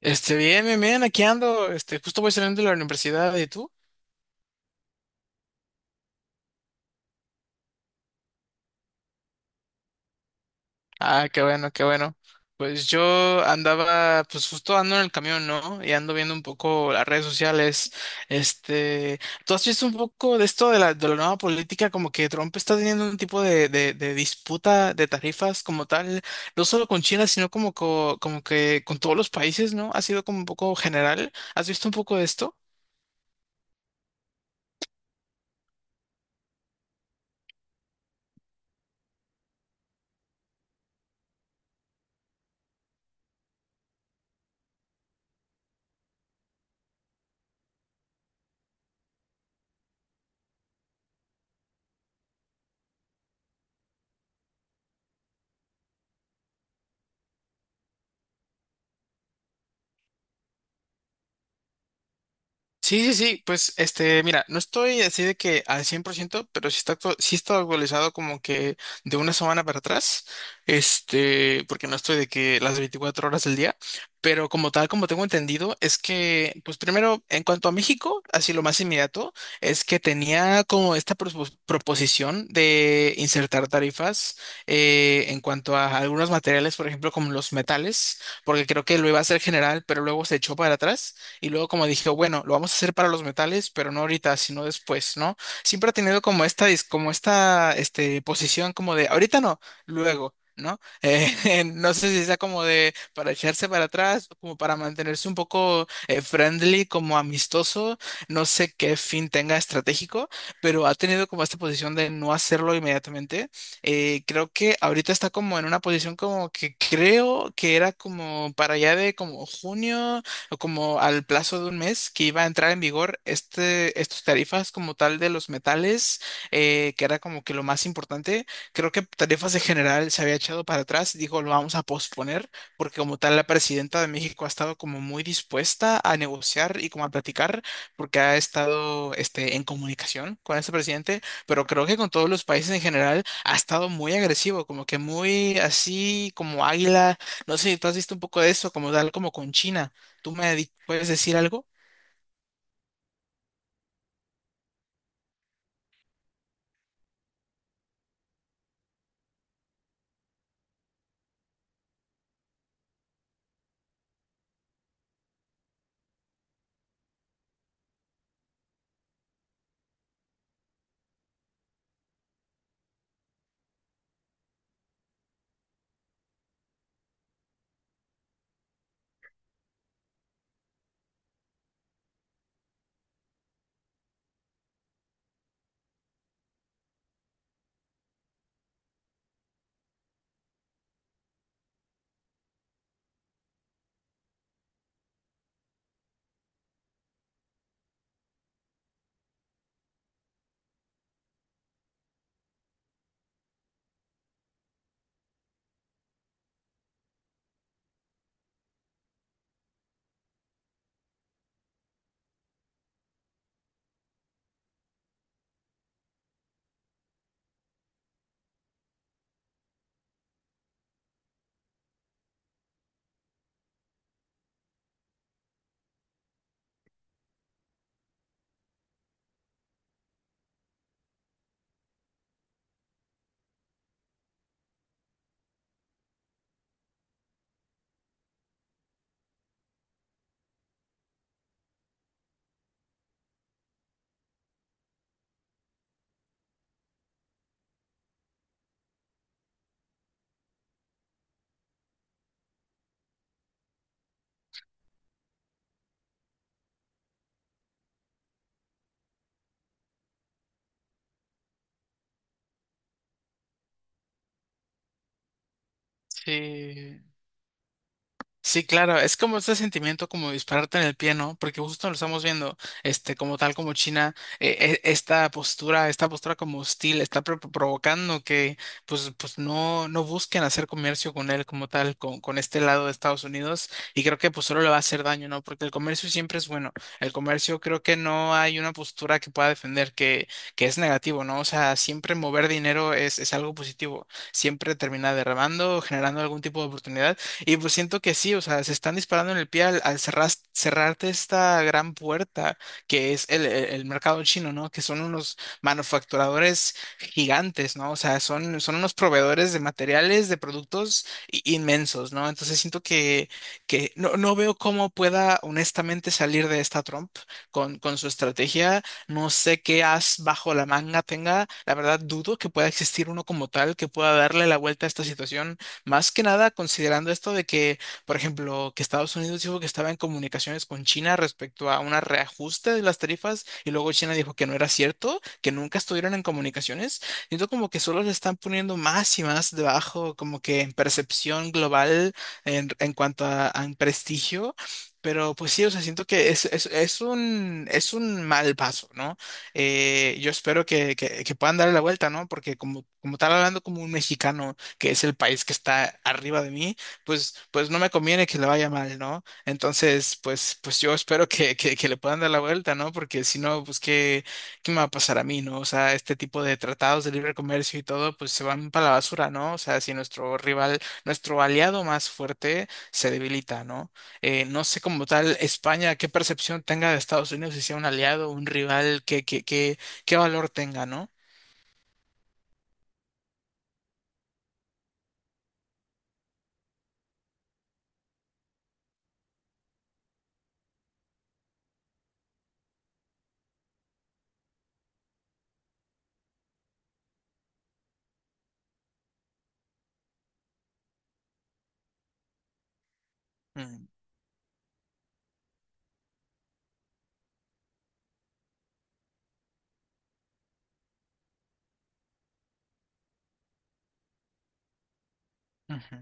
Bien, bien, bien, aquí ando. Justo voy saliendo de la universidad, ¿y tú? Ah, qué bueno, qué bueno. Pues yo andaba, pues justo ando en el camión, ¿no? Y ando viendo un poco las redes sociales. Este, ¿Tú has visto un poco de esto de la nueva política? Como que Trump está teniendo un tipo de disputa de tarifas como tal, no solo con China, sino como, como que con todos los países, ¿no? Ha sido como un poco general. ¿Has visto un poco de esto? Sí, sí, sí, pues mira, no estoy así de que al 100%, pero sí está, sí está actualizado como que de una semana para atrás, porque no estoy de que las 24 horas del día, pero como tal, como tengo entendido, es que, pues primero, en cuanto a México, así lo más inmediato, es que tenía como esta proposición de insertar tarifas en cuanto a algunos materiales, por ejemplo, como los metales, porque creo que lo iba a hacer general, pero luego se echó para atrás. Y luego como dije, bueno, lo vamos a hacer para los metales, pero no ahorita, sino después, ¿no? Siempre ha tenido como esta, como esta, posición como de, ahorita no, luego. ¿No? No sé si sea como de para echarse para atrás, como para mantenerse un poco friendly, como amistoso, no sé qué fin tenga estratégico, pero ha tenido como esta posición de no hacerlo inmediatamente. Creo que ahorita está como en una posición como que creo que era como para allá de como junio, como al plazo de 1 mes que iba a entrar en vigor estos tarifas como tal de los metales, que era como que lo más importante. Creo que tarifas de general se había echado para atrás y dijo, lo vamos a posponer, porque como tal la presidenta de México ha estado como muy dispuesta a negociar y como a platicar, porque ha estado en comunicación con este presidente, pero creo que con todos los países en general ha estado muy agresivo, como que muy así como águila. No sé si tú has visto un poco de eso, como tal como con China. ¿Tú puedes decir algo? Sí. Sí, claro, es como este sentimiento como dispararte en el pie, ¿no? Porque justo lo estamos viendo, como tal, como China, esta postura como hostil, está provocando que, pues, pues no, no busquen hacer comercio con él como tal, con este lado de Estados Unidos, y creo que pues solo le va a hacer daño, ¿no? Porque el comercio siempre es bueno, el comercio creo que no hay una postura que pueda defender que es negativo, ¿no? O sea, siempre mover dinero es algo positivo, siempre termina derramando, generando algún tipo de oportunidad y pues siento que sí, o sea, se están disparando en el pie al, al cerrarte esta gran puerta que es el mercado chino, ¿no? Que son unos manufacturadores gigantes, ¿no? O sea, son, son unos proveedores de materiales, de productos inmensos, ¿no? Entonces siento que no, no veo cómo pueda honestamente salir de esta Trump con su estrategia. No sé qué as bajo la manga tenga. La verdad, dudo que pueda existir uno como tal que pueda darle la vuelta a esta situación más que nada considerando esto de que, por ejemplo, que Estados Unidos dijo que estaba en comunicaciones con China respecto a un reajuste de las tarifas y luego China dijo que no era cierto, que nunca estuvieron en comunicaciones. Siento como que solo le están poniendo más y más debajo, como que en percepción global en cuanto a prestigio. Pero pues sí, o sea, siento que es un mal paso, ¿no? Yo espero que puedan darle la vuelta, ¿no? Porque como, como estar hablando como un mexicano que es el país que está arriba de mí, pues, pues no me conviene que le vaya mal, ¿no? Entonces, pues, pues yo espero que le puedan dar la vuelta, ¿no? Porque si no, pues qué, qué me va a pasar a mí, ¿no? O sea, este tipo de tratados de libre comercio y todo, pues se van para la basura, ¿no? O sea, si nuestro rival, nuestro aliado más fuerte se debilita, ¿no? No sé como tal España, qué percepción tenga de Estados Unidos, si sea un aliado, un rival, qué qué valor tenga, ¿no? Mm, ujú.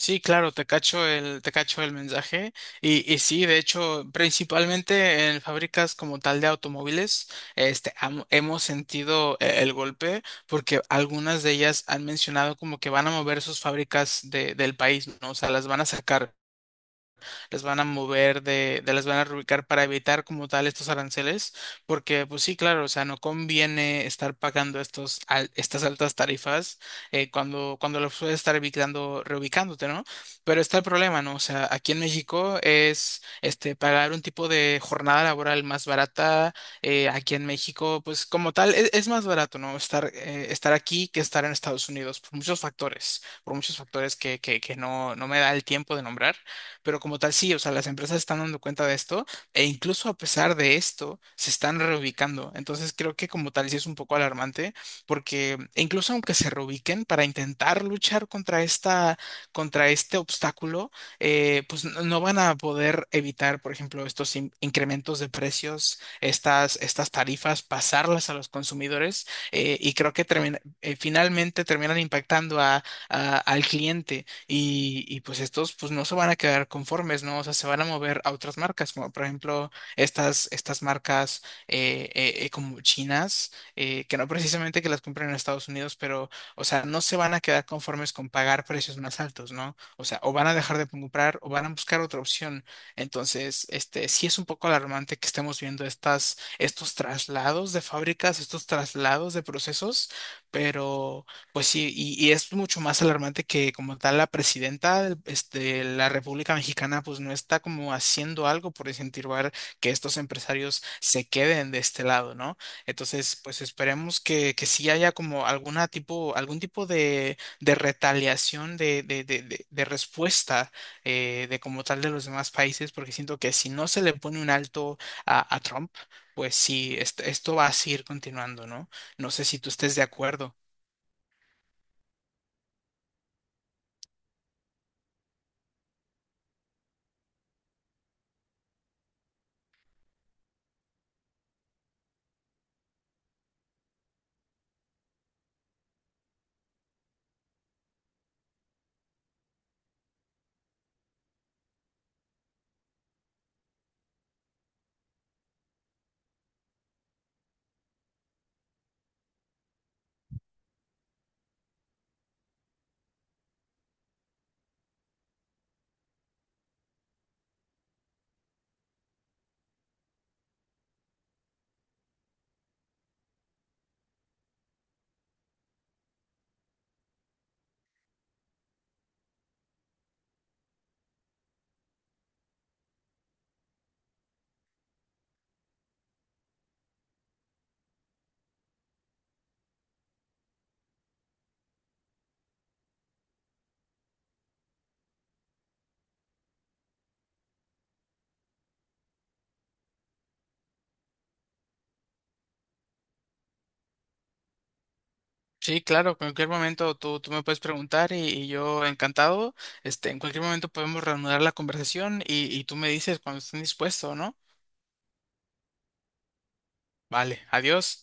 Sí, claro, te cacho te cacho el mensaje. Y sí, de hecho, principalmente en fábricas como tal de automóviles, hemos sentido el golpe porque algunas de ellas han mencionado como que van a mover sus fábricas del país, ¿no? O sea, las van a sacar les van a mover de las van a reubicar para evitar como tal estos aranceles, porque pues sí, claro, o sea, no conviene estar pagando estos estas altas tarifas cuando, cuando los puedes estar evitando, reubicándote, ¿no? Pero está el problema, ¿no? O sea, aquí en México es este pagar un tipo de jornada laboral más barata aquí en México, pues como tal, es, más barato, ¿no? Estar, estar aquí que estar en Estados Unidos, por muchos factores que no, no me da el tiempo de nombrar, pero como tal, sí, o sea, las empresas están dando cuenta de esto e incluso a pesar de esto, se están reubicando. Entonces creo que como tal, sí es un poco alarmante porque e incluso aunque se reubiquen para intentar luchar contra esta, contra este obstáculo, pues no van a poder evitar, por ejemplo, estos incrementos de precios, estas, estas tarifas, pasarlas a los consumidores y creo que finalmente terminan impactando al cliente y pues estos pues no se van a quedar conformes, ¿no? O sea, se van a mover a otras marcas, como por ejemplo estas, estas marcas como chinas, que no precisamente que las compren en Estados Unidos, pero, o sea, no se van a quedar conformes con pagar precios más altos, ¿no? O sea, o van a dejar de comprar o van a buscar otra opción. Entonces, sí es un poco alarmante que estemos viendo estas, estos traslados de fábricas, estos traslados de procesos, pero... Pues sí, y es mucho más alarmante que como tal la presidenta de la República Mexicana pues no está como haciendo algo por incentivar que estos empresarios se queden de este lado, ¿no? Entonces, pues esperemos que sí haya como alguna tipo, algún tipo de retaliación, de respuesta de como tal de los demás países, porque siento que si no se le pone un alto a Trump, pues sí, esto va a seguir continuando, ¿no? No sé si tú estés de acuerdo. Sí, claro, en cualquier momento tú me puedes preguntar y yo encantado. En cualquier momento podemos reanudar la conversación y tú me dices cuando estés dispuesto, ¿no? Vale, adiós.